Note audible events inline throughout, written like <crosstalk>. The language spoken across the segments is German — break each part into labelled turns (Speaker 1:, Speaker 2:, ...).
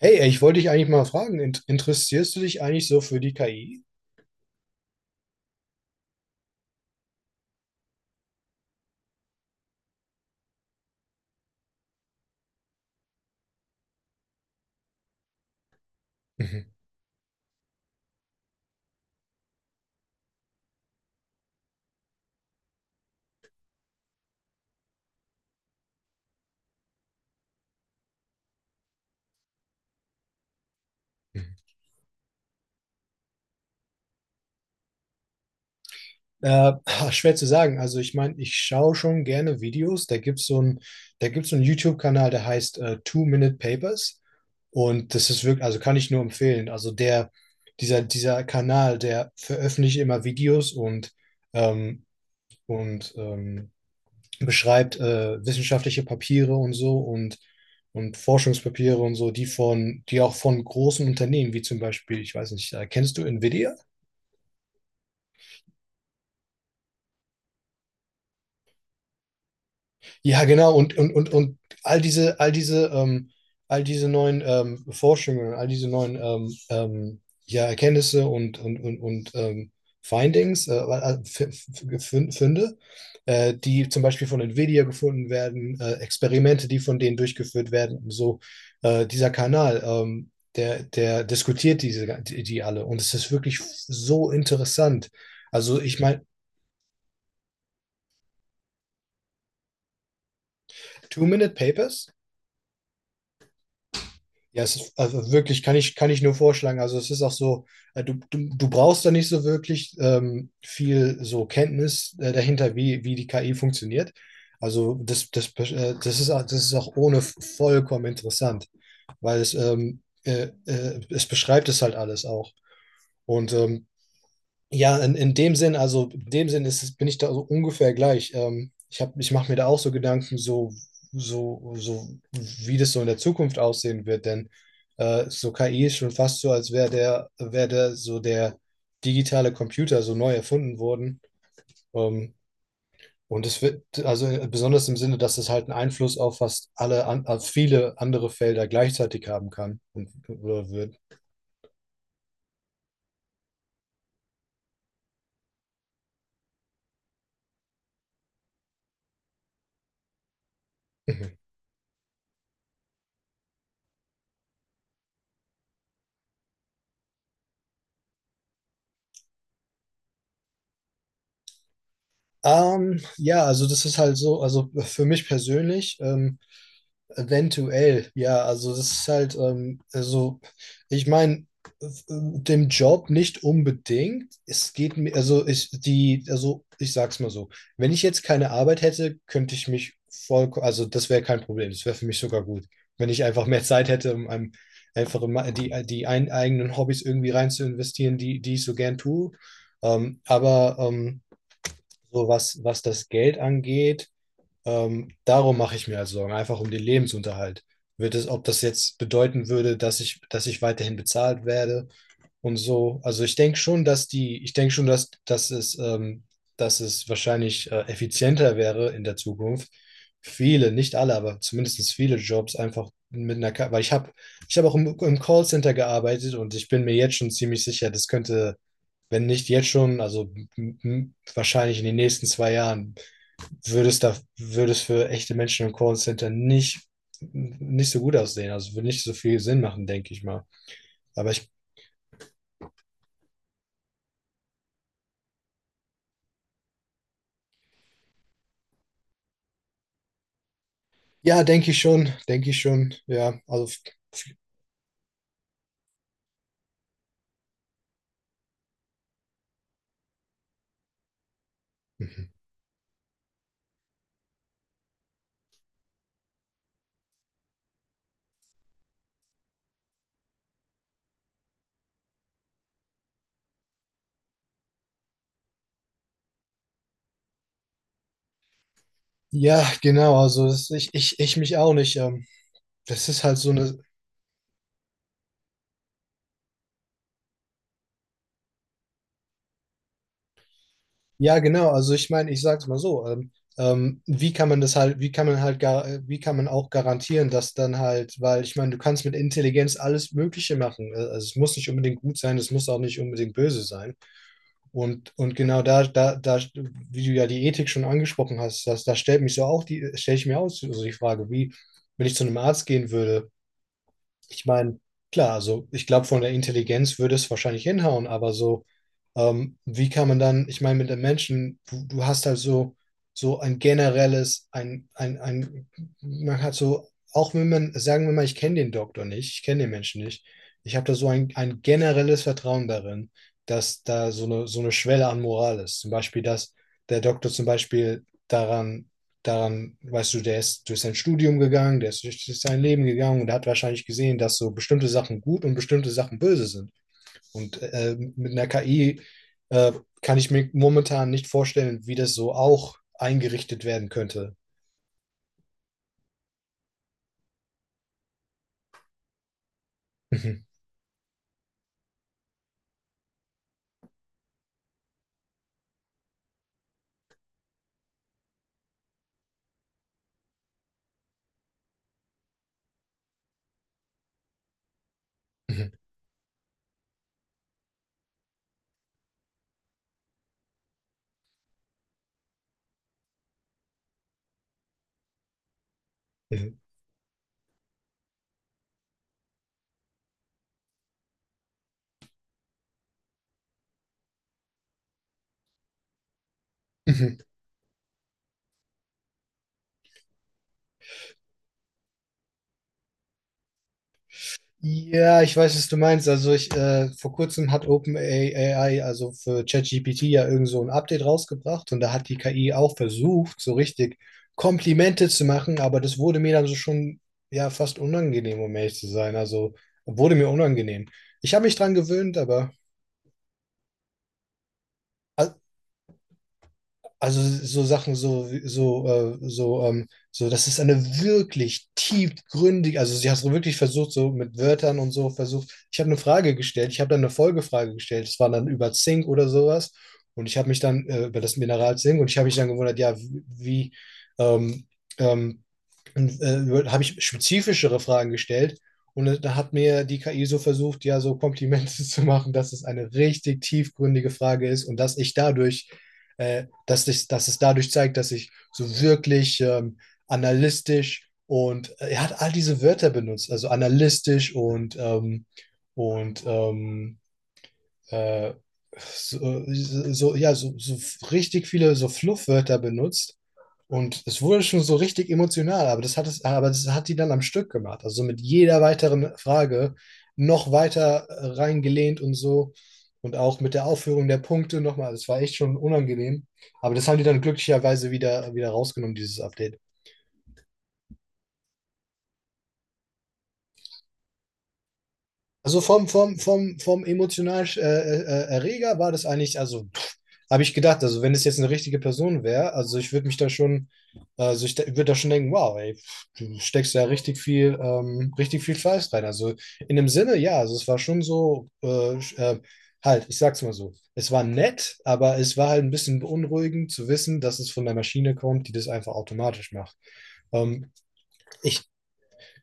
Speaker 1: Hey, ich wollte dich eigentlich mal fragen, interessierst du dich eigentlich so für die KI? Mhm. Mhm. Äh, <laughs> Schwer zu sagen. Also ich meine, ich schaue schon gerne Videos. Da gibt's so einen YouTube-Kanal, der heißt Two-Minute Papers. Und das ist wirklich, also kann ich nur empfehlen. Also dieser Kanal, der veröffentlicht immer Videos ähm, und beschreibt wissenschaftliche Papiere und so. Und Forschungspapiere und so, die auch von großen Unternehmen, wie zum Beispiel, ich weiß nicht, kennst du Nvidia? Ja, genau, und all diese, all diese, ähm, all diese neuen Forschungen, all diese neuen ja, Erkenntnisse und Findings, Funde, die zum Beispiel von Nvidia gefunden werden, Experimente, die von denen durchgeführt werden, und so dieser Kanal, der diskutiert diese, die alle. Und es ist wirklich so interessant. Also ich meine. Two-Minute-Papers. Ja, es ist, also wirklich, kann ich nur vorschlagen. Also es ist auch so, du brauchst da nicht so wirklich viel so Kenntnis dahinter, wie die KI funktioniert. Das ist auch ohne vollkommen interessant, weil es beschreibt es halt alles auch. Und ja, in dem Sinn, bin ich da so ungefähr gleich. Ich mache mir da auch so Gedanken, so, so, wie das so in der Zukunft aussehen wird, denn so KI ist schon fast so, als wäre der digitale Computer so neu erfunden worden. Ähm, und es wird, also, besonders im Sinne, dass es halt einen Einfluss auf fast alle, an, auf viele andere Felder gleichzeitig haben kann und oder wird. Mhm. Ja, also das ist halt so, also für mich persönlich. Eventuell, ja, also das ist halt, also ich meine, dem Job nicht unbedingt. Es geht mir, also ich, die, also ich sag's mal so, wenn ich jetzt keine Arbeit hätte, könnte ich mich voll, also das wäre kein Problem, das wäre für mich sogar gut, wenn ich einfach mehr Zeit hätte, einfach in ma- die, die ein, eigenen Hobbys irgendwie rein zu investieren, die ich so gern tue. Aber so was das Geld angeht, darum mache ich mir also Sorgen, einfach um den Lebensunterhalt. Ob das jetzt bedeuten würde, dass ich weiterhin bezahlt werde und so. Also ich denke schon, ich denke schon, dass es wahrscheinlich effizienter wäre in der Zukunft, viele, nicht alle, aber zumindest viele Jobs einfach mit einer. Ich habe auch im Callcenter gearbeitet und ich bin mir jetzt schon ziemlich sicher, das könnte, wenn nicht jetzt schon, also wahrscheinlich in den nächsten zwei Jahren würde es da, würde es für echte Menschen im Callcenter nicht so gut aussehen. Also würde nicht so viel Sinn machen, denke ich mal. Aber ja, denke ich schon, ja. Also. Mhm. Ja, genau, also ich mich auch nicht. Das ist halt so eine. Ja, genau, also ich meine, ich sag's mal so, wie kann man das halt, wie kann man halt, gar, wie kann man auch garantieren, dass dann halt, weil ich meine, du kannst mit Intelligenz alles Mögliche machen. Also es muss nicht unbedingt gut sein, es muss auch nicht unbedingt böse sein. Und genau da, wie du ja die Ethik schon angesprochen hast, das, da stellt mich so auch die, stelle ich mir auch so die Frage, wie, wenn ich zu einem Arzt gehen würde, ich meine, klar, also ich glaube, von der Intelligenz würde es wahrscheinlich hinhauen, aber so wie kann man dann, ich meine, mit den Menschen, du hast halt so, so ein generelles, ein, man hat so, auch wenn man, sagen wir mal, ich kenne den Doktor nicht, ich kenne den Menschen nicht, ich habe da so ein generelles Vertrauen darin, dass da so eine Schwelle an Moral ist. Zum Beispiel, dass der Doktor zum Beispiel weißt du, der ist durch sein Studium gegangen, der ist durch sein Leben gegangen und hat wahrscheinlich gesehen, dass so bestimmte Sachen gut und bestimmte Sachen böse sind. Und mit einer KI äh, kann ich mir momentan nicht vorstellen, wie das so auch eingerichtet werden könnte. <laughs> Mhm, mhm, mhm, mhm. Ja, ich weiß, was du meinst. Vor kurzem hat OpenAI, also für ChatGPT ja irgend so ein Update rausgebracht und da hat die KI auch versucht, so richtig Komplimente zu machen, aber das wurde mir dann so schon ja fast unangenehm, um ehrlich zu sein. Also wurde mir unangenehm. Ich habe mich dran gewöhnt, aber. Also so Sachen, so, das ist eine wirklich tiefgründige, also sie hat so wirklich versucht, so mit Wörtern und so versucht. Ich habe eine Frage gestellt, ich habe dann eine Folgefrage gestellt, das war dann über Zink oder sowas. Und ich habe mich dann über das Mineral Zink und ich habe mich dann gewundert, ja, wie, wie ähm, ähm, und habe ich spezifischere Fragen gestellt. Und da hat mir die KI so versucht, ja, so Komplimente <laughs> zu machen, dass es eine richtig tiefgründige Frage ist und dass ich dadurch, dass es dadurch zeigt, dass ich so wirklich analytisch und er hat all diese Wörter benutzt, also analytisch und und ähm, äh, so, so richtig viele so Fluffwörter benutzt und es wurde schon so richtig emotional, aber aber das hat die dann am Stück gemacht. Also so mit jeder weiteren Frage noch weiter reingelehnt und so. Und auch mit der Aufführung der Punkte nochmal. Das war echt schon unangenehm. Aber das haben die dann glücklicherweise wieder rausgenommen, dieses Update. Also vom emotionalen Erreger war das eigentlich, also habe ich gedacht, also wenn es jetzt eine richtige Person wäre, also ich würde da schon denken, wow, ey, pff, du steckst ja richtig viel Fleiß rein. Also in dem Sinne, ja, also es war schon so, halt, ich sag's mal so, es war nett, aber es war halt ein bisschen beunruhigend zu wissen, dass es von der Maschine kommt, die das einfach automatisch macht. Ähm, ich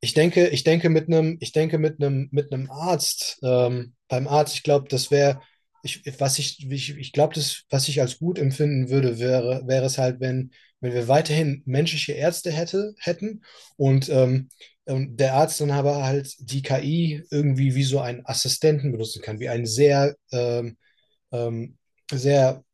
Speaker 1: ich denke, mit einem Arzt, beim Arzt, ich glaube, das wäre, ich glaube, das, was ich als gut empfinden würde, wäre es halt, wenn wir weiterhin menschliche Ärzte hätten und der Arzt dann aber halt die KI irgendwie wie so einen Assistenten benutzen kann, wie einen sehr ähm, sehr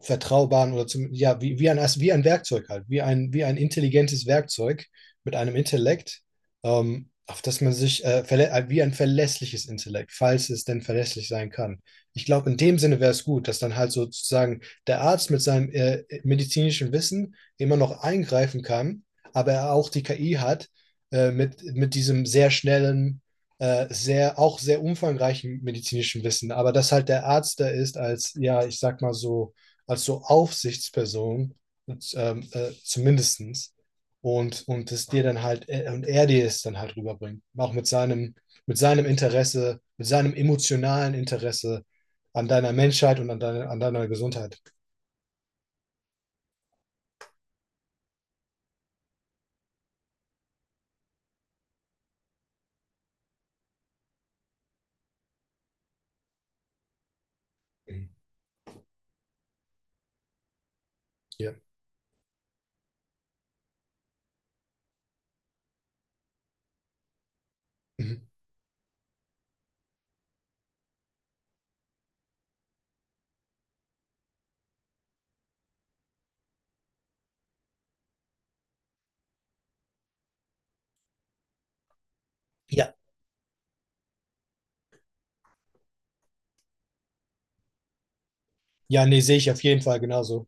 Speaker 1: vertraubaren oder zum, ja, wie ein Werkzeug halt, wie ein intelligentes Werkzeug mit einem Intellekt, auf das man sich wie ein verlässliches Intellekt, falls es denn verlässlich sein kann. Ich glaube, in dem Sinne wäre es gut, dass dann halt sozusagen der Arzt mit seinem medizinischen Wissen immer noch eingreifen kann, aber er auch die KI hat mit diesem sehr schnellen auch sehr umfangreichen medizinischen Wissen, aber dass halt der Arzt da ist als, ja, ich sag mal so, als so Aufsichtsperson, und, zumindestens, und er dir es dann halt rüberbringt, auch mit seinem Interesse, mit seinem emotionalen Interesse an deiner Menschheit und an deiner Gesundheit. Ja. Mhm. Ja, ja, nee, sehe ich auf jeden Fall genauso.